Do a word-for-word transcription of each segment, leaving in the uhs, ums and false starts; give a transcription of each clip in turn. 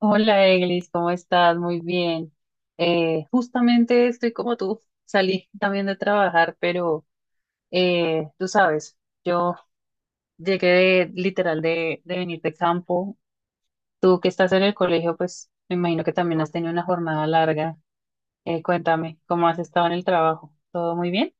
Hola, Eglis, ¿cómo estás? Muy bien. Eh, justamente estoy como tú, salí también de trabajar, pero eh, tú sabes, yo llegué de, literal de, de venir de campo. Tú que estás en el colegio, pues me imagino que también has tenido una jornada larga. Eh, cuéntame, ¿cómo has estado en el trabajo? ¿Todo muy bien?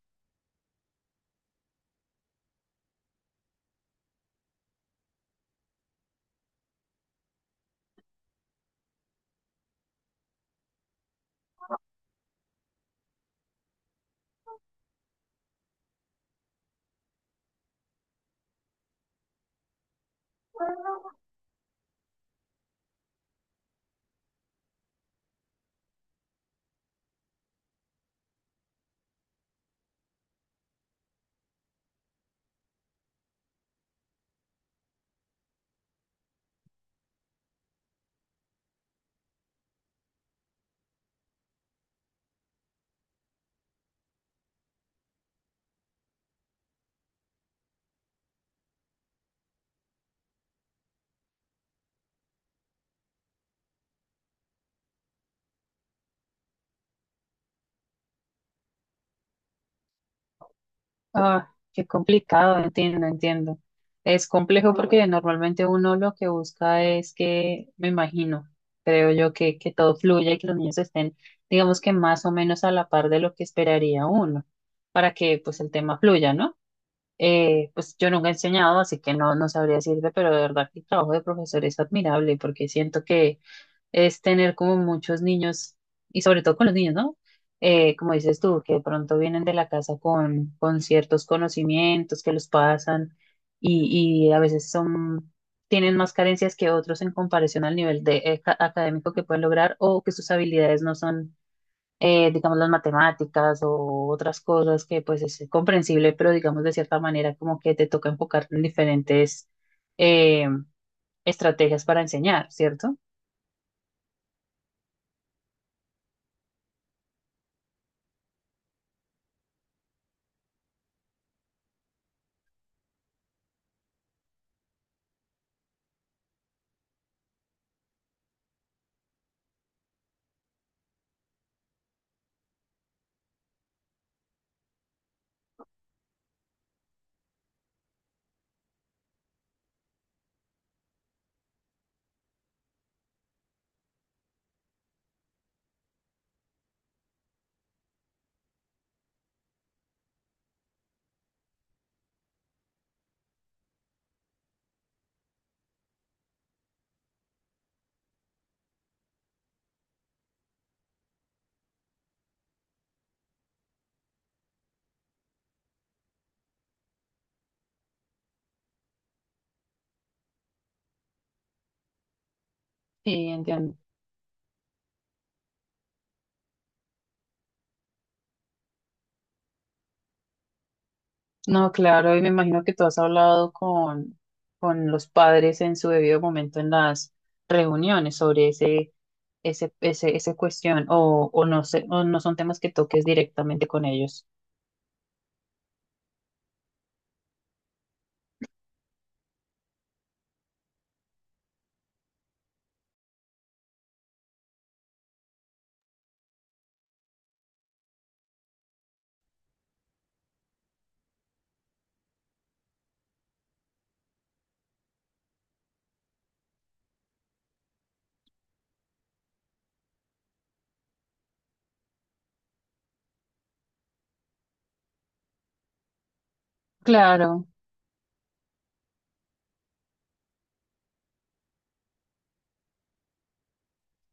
Ah, qué complicado, entiendo, entiendo. Es complejo porque normalmente uno lo que busca es que, me imagino, creo yo que, que todo fluya y que los niños estén, digamos que más o menos a la par de lo que esperaría uno, para que pues el tema fluya, ¿no? Eh, pues yo nunca he enseñado, así que no, no sabría decirte, pero de verdad que el trabajo de profesor es admirable porque siento que es tener como muchos niños, y sobre todo con los niños, ¿no? Eh, como dices tú, que de pronto vienen de la casa con, con ciertos conocimientos que los pasan y, y a veces son, tienen más carencias que otros en comparación al nivel de, eh, ca- académico que pueden lograr o que sus habilidades no son, eh, digamos, las matemáticas o otras cosas que pues es comprensible, pero digamos de cierta manera como que te toca enfocar en diferentes eh, estrategias para enseñar, ¿cierto? Sí, entiendo. No, claro, y me imagino que tú has hablado con, con los padres en su debido momento en las reuniones sobre ese, ese, ese, esa cuestión, o, o no sé, o no son temas que toques directamente con ellos. Claro,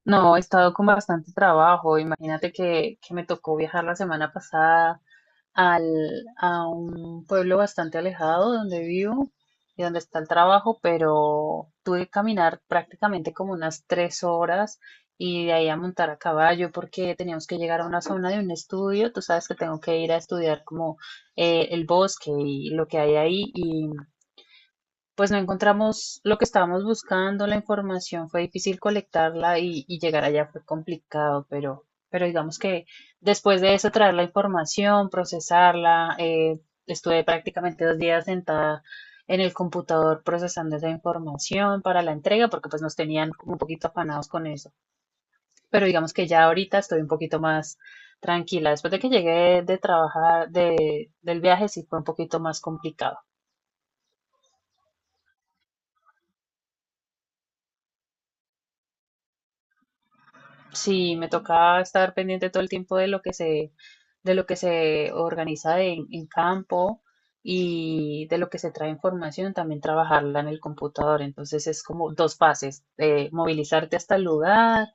no, he estado con bastante trabajo. Imagínate que, que me tocó viajar la semana pasada. Al, a un pueblo bastante alejado de donde vivo y donde está el trabajo, pero tuve que caminar prácticamente como unas tres horas y de ahí a montar a caballo porque teníamos que llegar a una zona de un estudio. Tú sabes que tengo que ir a estudiar como eh, el bosque y lo que hay ahí y pues no encontramos lo que estábamos buscando, la información fue difícil colectarla y, y llegar allá fue complicado, pero, pero digamos que después de eso traer la información, procesarla, eh, estuve prácticamente dos días sentada en el computador procesando esa información para la entrega, porque pues nos tenían como un poquito afanados con eso. Pero digamos que ya ahorita estoy un poquito más tranquila. Después de que llegué de trabajar, de, del viaje, sí fue un poquito más complicado. Sí, me toca estar pendiente todo el tiempo de lo que se, de lo que se organiza en, en campo y de lo que se trae información, también trabajarla en el computador. Entonces es como dos fases, eh, movilizarte hasta el lugar,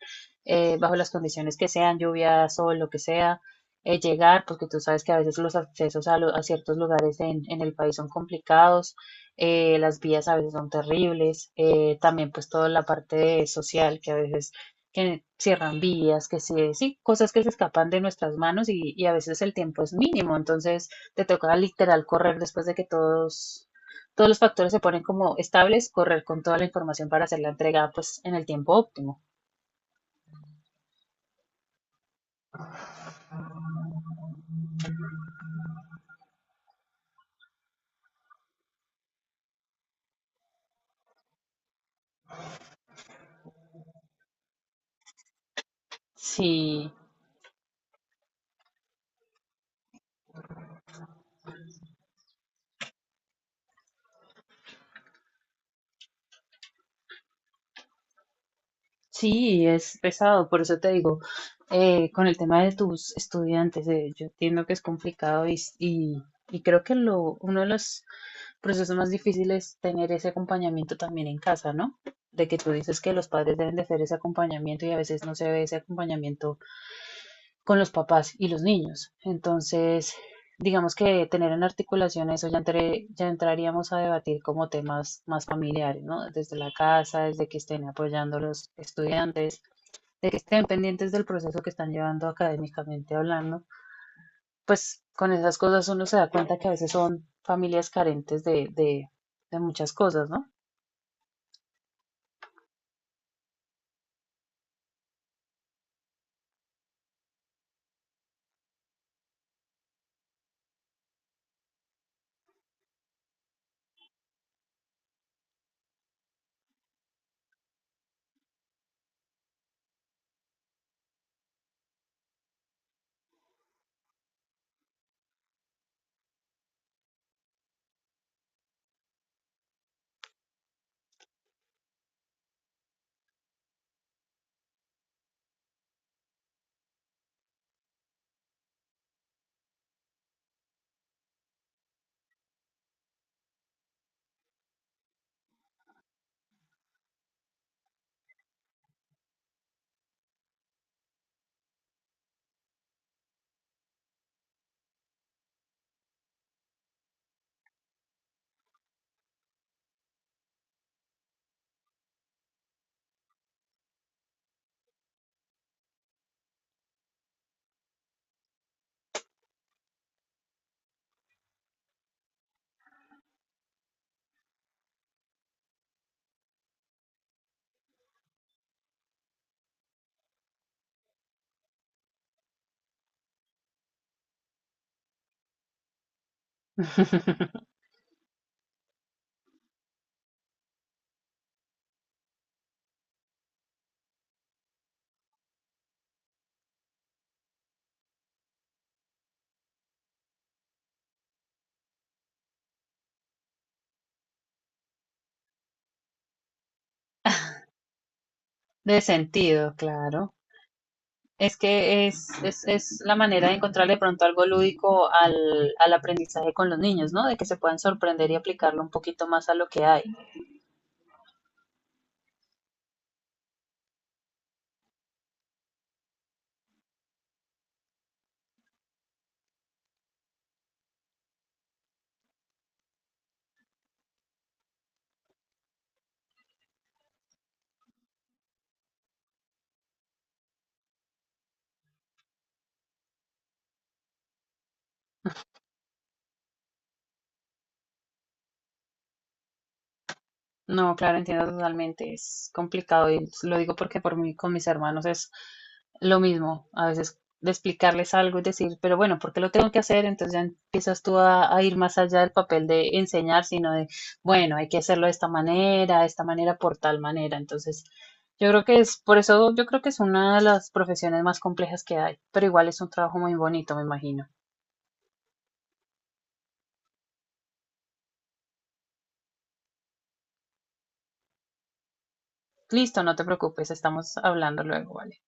eh, bajo las condiciones que sean, lluvia, sol, lo que sea, eh, llegar, porque tú sabes que a veces los accesos a, lo- a ciertos lugares en, en el país son complicados, eh, las vías a veces son terribles, eh, también pues toda la parte social que a veces que cierran vías, que sí, sí, cosas que se escapan de nuestras manos y, y a veces el tiempo es mínimo, entonces te toca literal correr después de que todos, todos los factores se ponen como estables, correr con toda la información para hacer la entrega pues en el tiempo óptimo. Sí, sí, es pesado, por eso te digo, eh, con el tema de tus estudiantes, eh, yo entiendo que es complicado y, s- y, y creo que lo, uno de los procesos más difíciles es tener ese acompañamiento también en casa, ¿no? De que tú dices que los padres deben de hacer ese acompañamiento y a veces no se ve ese acompañamiento con los papás y los niños. Entonces, digamos que tener en articulación eso ya, entre, ya entraríamos a debatir como temas más familiares, ¿no? Desde la casa, desde que estén apoyando los estudiantes de que estén pendientes del proceso que están llevando académicamente hablando, pues con esas cosas uno se da cuenta que a veces son familias carentes de, de, de muchas cosas, ¿no? De sentido, claro. Es que es, es, es la manera de encontrar de pronto algo lúdico al, al aprendizaje con los niños, ¿no? De que se puedan sorprender y aplicarlo un poquito más a lo que hay. No, claro, entiendo totalmente. Es complicado y lo digo porque por mí con mis hermanos es lo mismo. A veces de explicarles algo y decir, pero bueno, ¿por qué lo tengo que hacer? Entonces ya empiezas tú a, a ir más allá del papel de enseñar, sino de, bueno, hay que hacerlo de esta manera, de esta manera, por tal manera. Entonces, yo creo que es, por eso yo creo que es una de las profesiones más complejas que hay, pero igual es un trabajo muy bonito, me imagino. Listo, no te preocupes, estamos hablando luego, ¿vale?